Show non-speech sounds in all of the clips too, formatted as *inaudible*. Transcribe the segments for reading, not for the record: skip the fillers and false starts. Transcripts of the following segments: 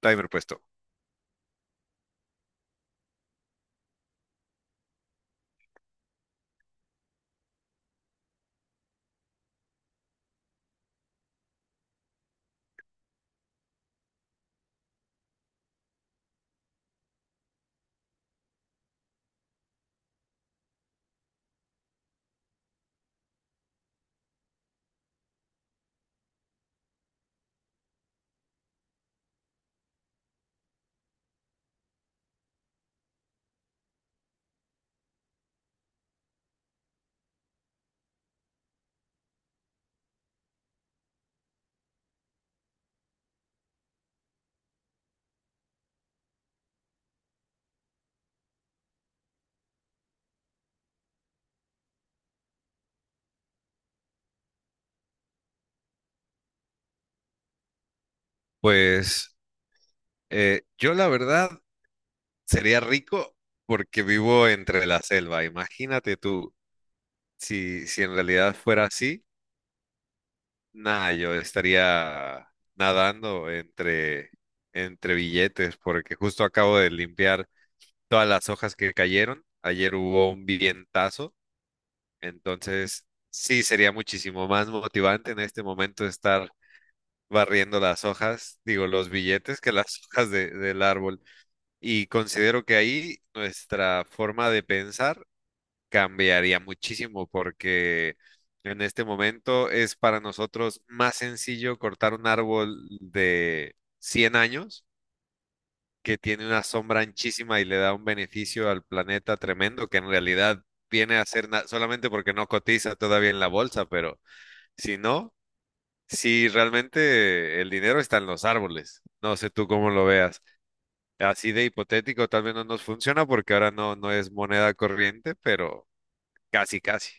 Timer puesto. Pues yo la verdad sería rico porque vivo entre la selva. Imagínate tú, si en realidad fuera así, nada, yo estaría nadando entre billetes porque justo acabo de limpiar todas las hojas que cayeron. Ayer hubo un vivientazo, entonces sí sería muchísimo más motivante en este momento estar barriendo las hojas, digo, los billetes que las *laughs* hojas del árbol. Y considero que ahí nuestra forma de pensar cambiaría muchísimo porque en este momento es para nosotros más sencillo cortar un árbol de 100 años que tiene una sombra anchísima y le da un beneficio al planeta tremendo, que en realidad viene a ser solamente porque no cotiza todavía en la bolsa. Pero si no, si realmente el dinero está en los árboles. No sé tú cómo lo veas. Así de hipotético, tal vez no nos funciona porque ahora no es moneda corriente, pero casi, casi.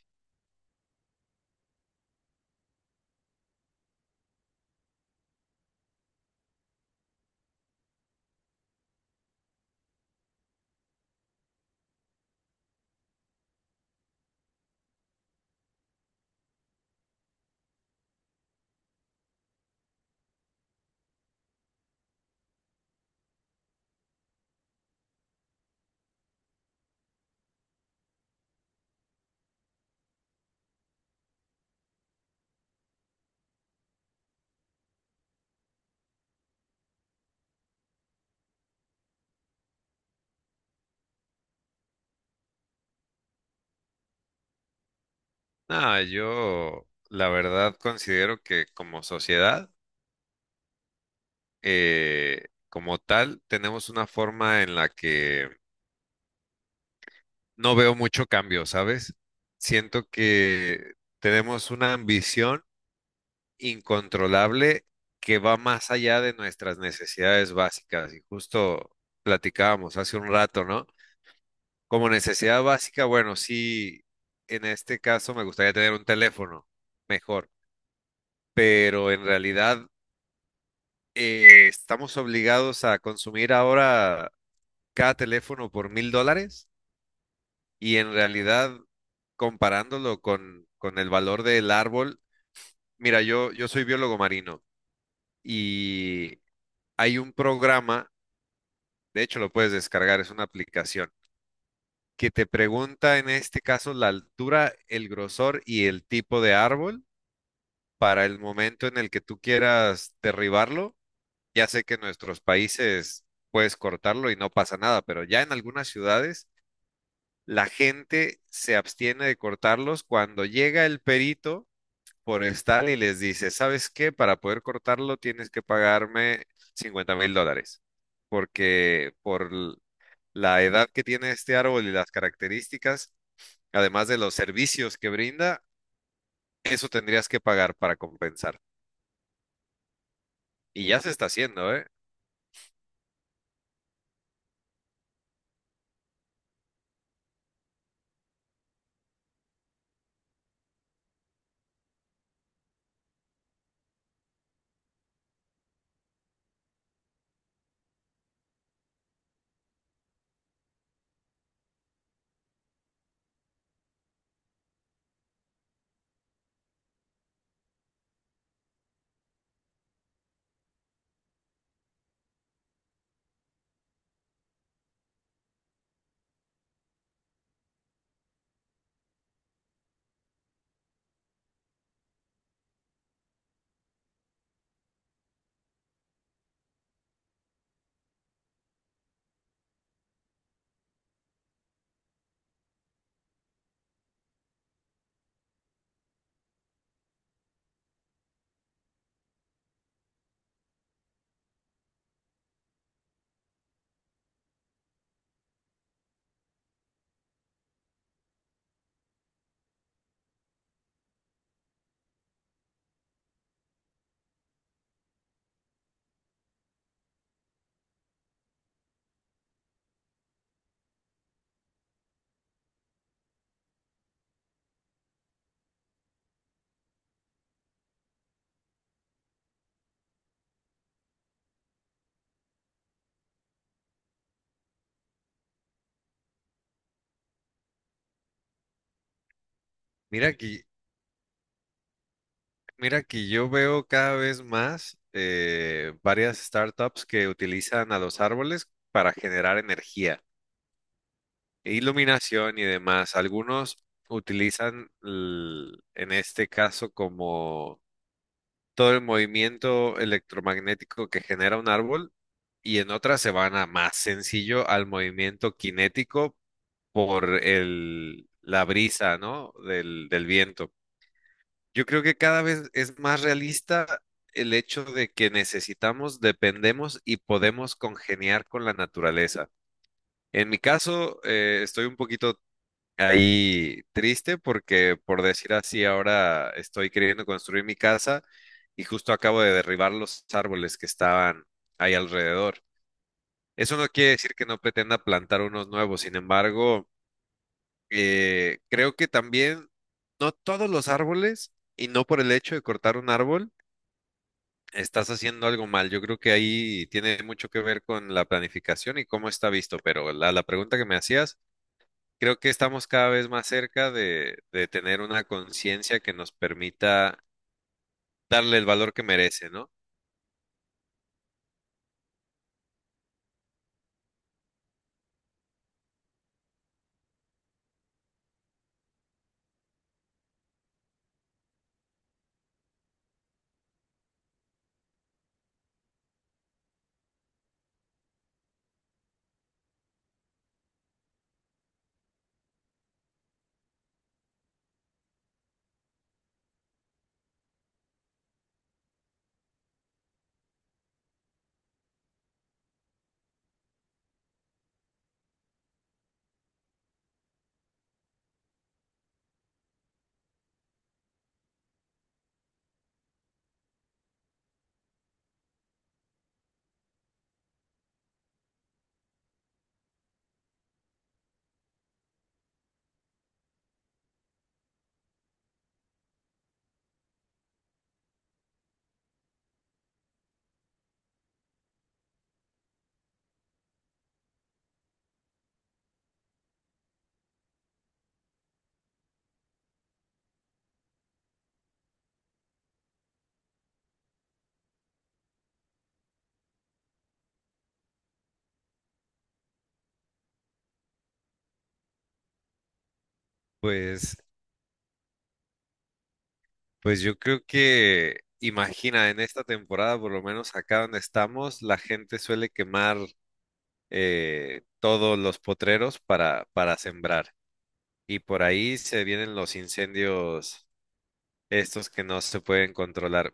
Nada, yo la verdad considero que como sociedad, como tal, tenemos una forma en la que no veo mucho cambio, ¿sabes? Siento que tenemos una ambición incontrolable que va más allá de nuestras necesidades básicas. Y justo platicábamos hace un rato, ¿no? Como necesidad básica, bueno, sí, en este caso me gustaría tener un teléfono mejor, pero en realidad estamos obligados a consumir ahora cada teléfono por $1,000, y en realidad comparándolo con el valor del árbol. Mira, yo soy biólogo marino y hay un programa, de hecho lo puedes descargar, es una aplicación que te pregunta en este caso la altura, el grosor y el tipo de árbol para el momento en el que tú quieras derribarlo. Ya sé que en nuestros países puedes cortarlo y no pasa nada, pero ya en algunas ciudades la gente se abstiene de cortarlos cuando llega el perito forestal y les dice, ¿sabes qué? Para poder cortarlo tienes que pagarme $50,000, porque por la edad que tiene este árbol y las características, además de los servicios que brinda, eso tendrías que pagar para compensar. Y ya se está haciendo, ¿eh? Mira que, mira que yo veo cada vez más varias startups que utilizan a los árboles para generar energía e iluminación y demás. Algunos utilizan, en este caso, como todo el movimiento electromagnético que genera un árbol, y en otras se van a más sencillo al movimiento cinético por la brisa, ¿no? Del viento. Yo creo que cada vez es más realista el hecho de que necesitamos, dependemos y podemos congeniar con la naturaleza. En mi caso, estoy un poquito ahí triste porque, por decir así, ahora estoy queriendo construir mi casa y justo acabo de derribar los árboles que estaban ahí alrededor. Eso no quiere decir que no pretenda plantar unos nuevos. Sin embargo, creo que también no todos los árboles, y no por el hecho de cortar un árbol estás haciendo algo mal. Yo creo que ahí tiene mucho que ver con la planificación y cómo está visto, pero la pregunta que me hacías, creo que estamos cada vez más cerca de tener una conciencia que nos permita darle el valor que merece, ¿no? Pues, pues yo creo que, imagina, en esta temporada, por lo menos acá donde estamos, la gente suele quemar todos los potreros para sembrar. Y por ahí se vienen los incendios estos que no se pueden controlar.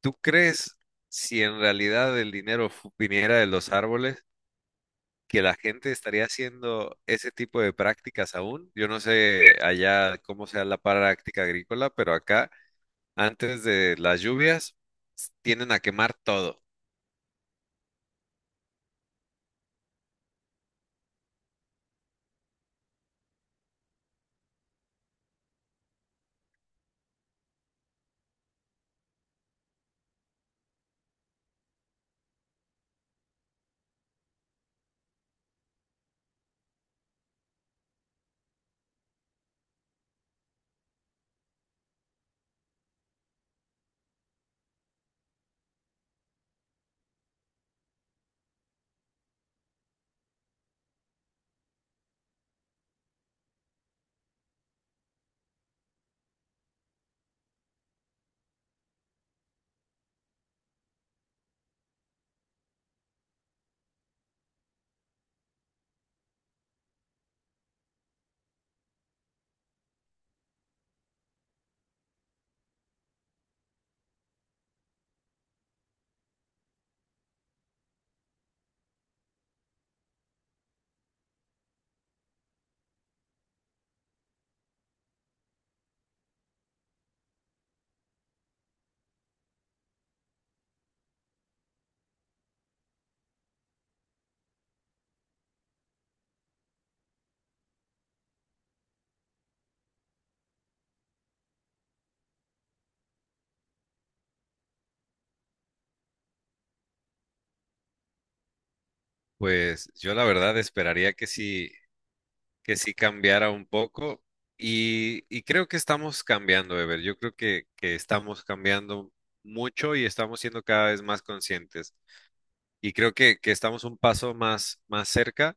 ¿Tú crees si en realidad el dinero viniera de los árboles, que la gente estaría haciendo ese tipo de prácticas aún? Yo no sé allá cómo sea la práctica agrícola, pero acá antes de las lluvias tienden a quemar todo. Pues yo la verdad esperaría que sí cambiara un poco, y creo que estamos cambiando, Ever. Yo creo que estamos cambiando mucho y estamos siendo cada vez más conscientes. Y creo que estamos un paso más, más cerca.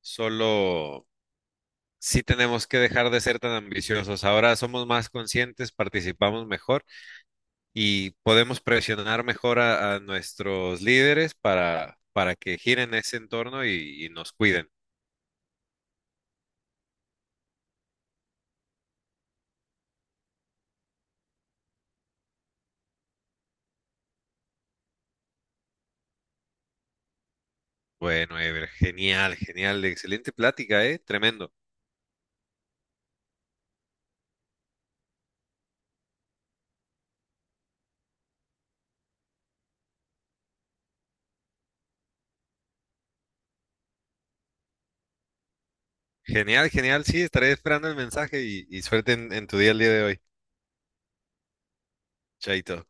Solo sí tenemos que dejar de ser tan ambiciosos. Ahora somos más conscientes, participamos mejor y podemos presionar mejor a nuestros líderes para que giren ese entorno y nos cuiden. Bueno, Ever, genial, genial, excelente plática, ¿eh? Tremendo. Genial, genial, sí, estaré esperando el mensaje y suerte en tu día el día de hoy. Chaito.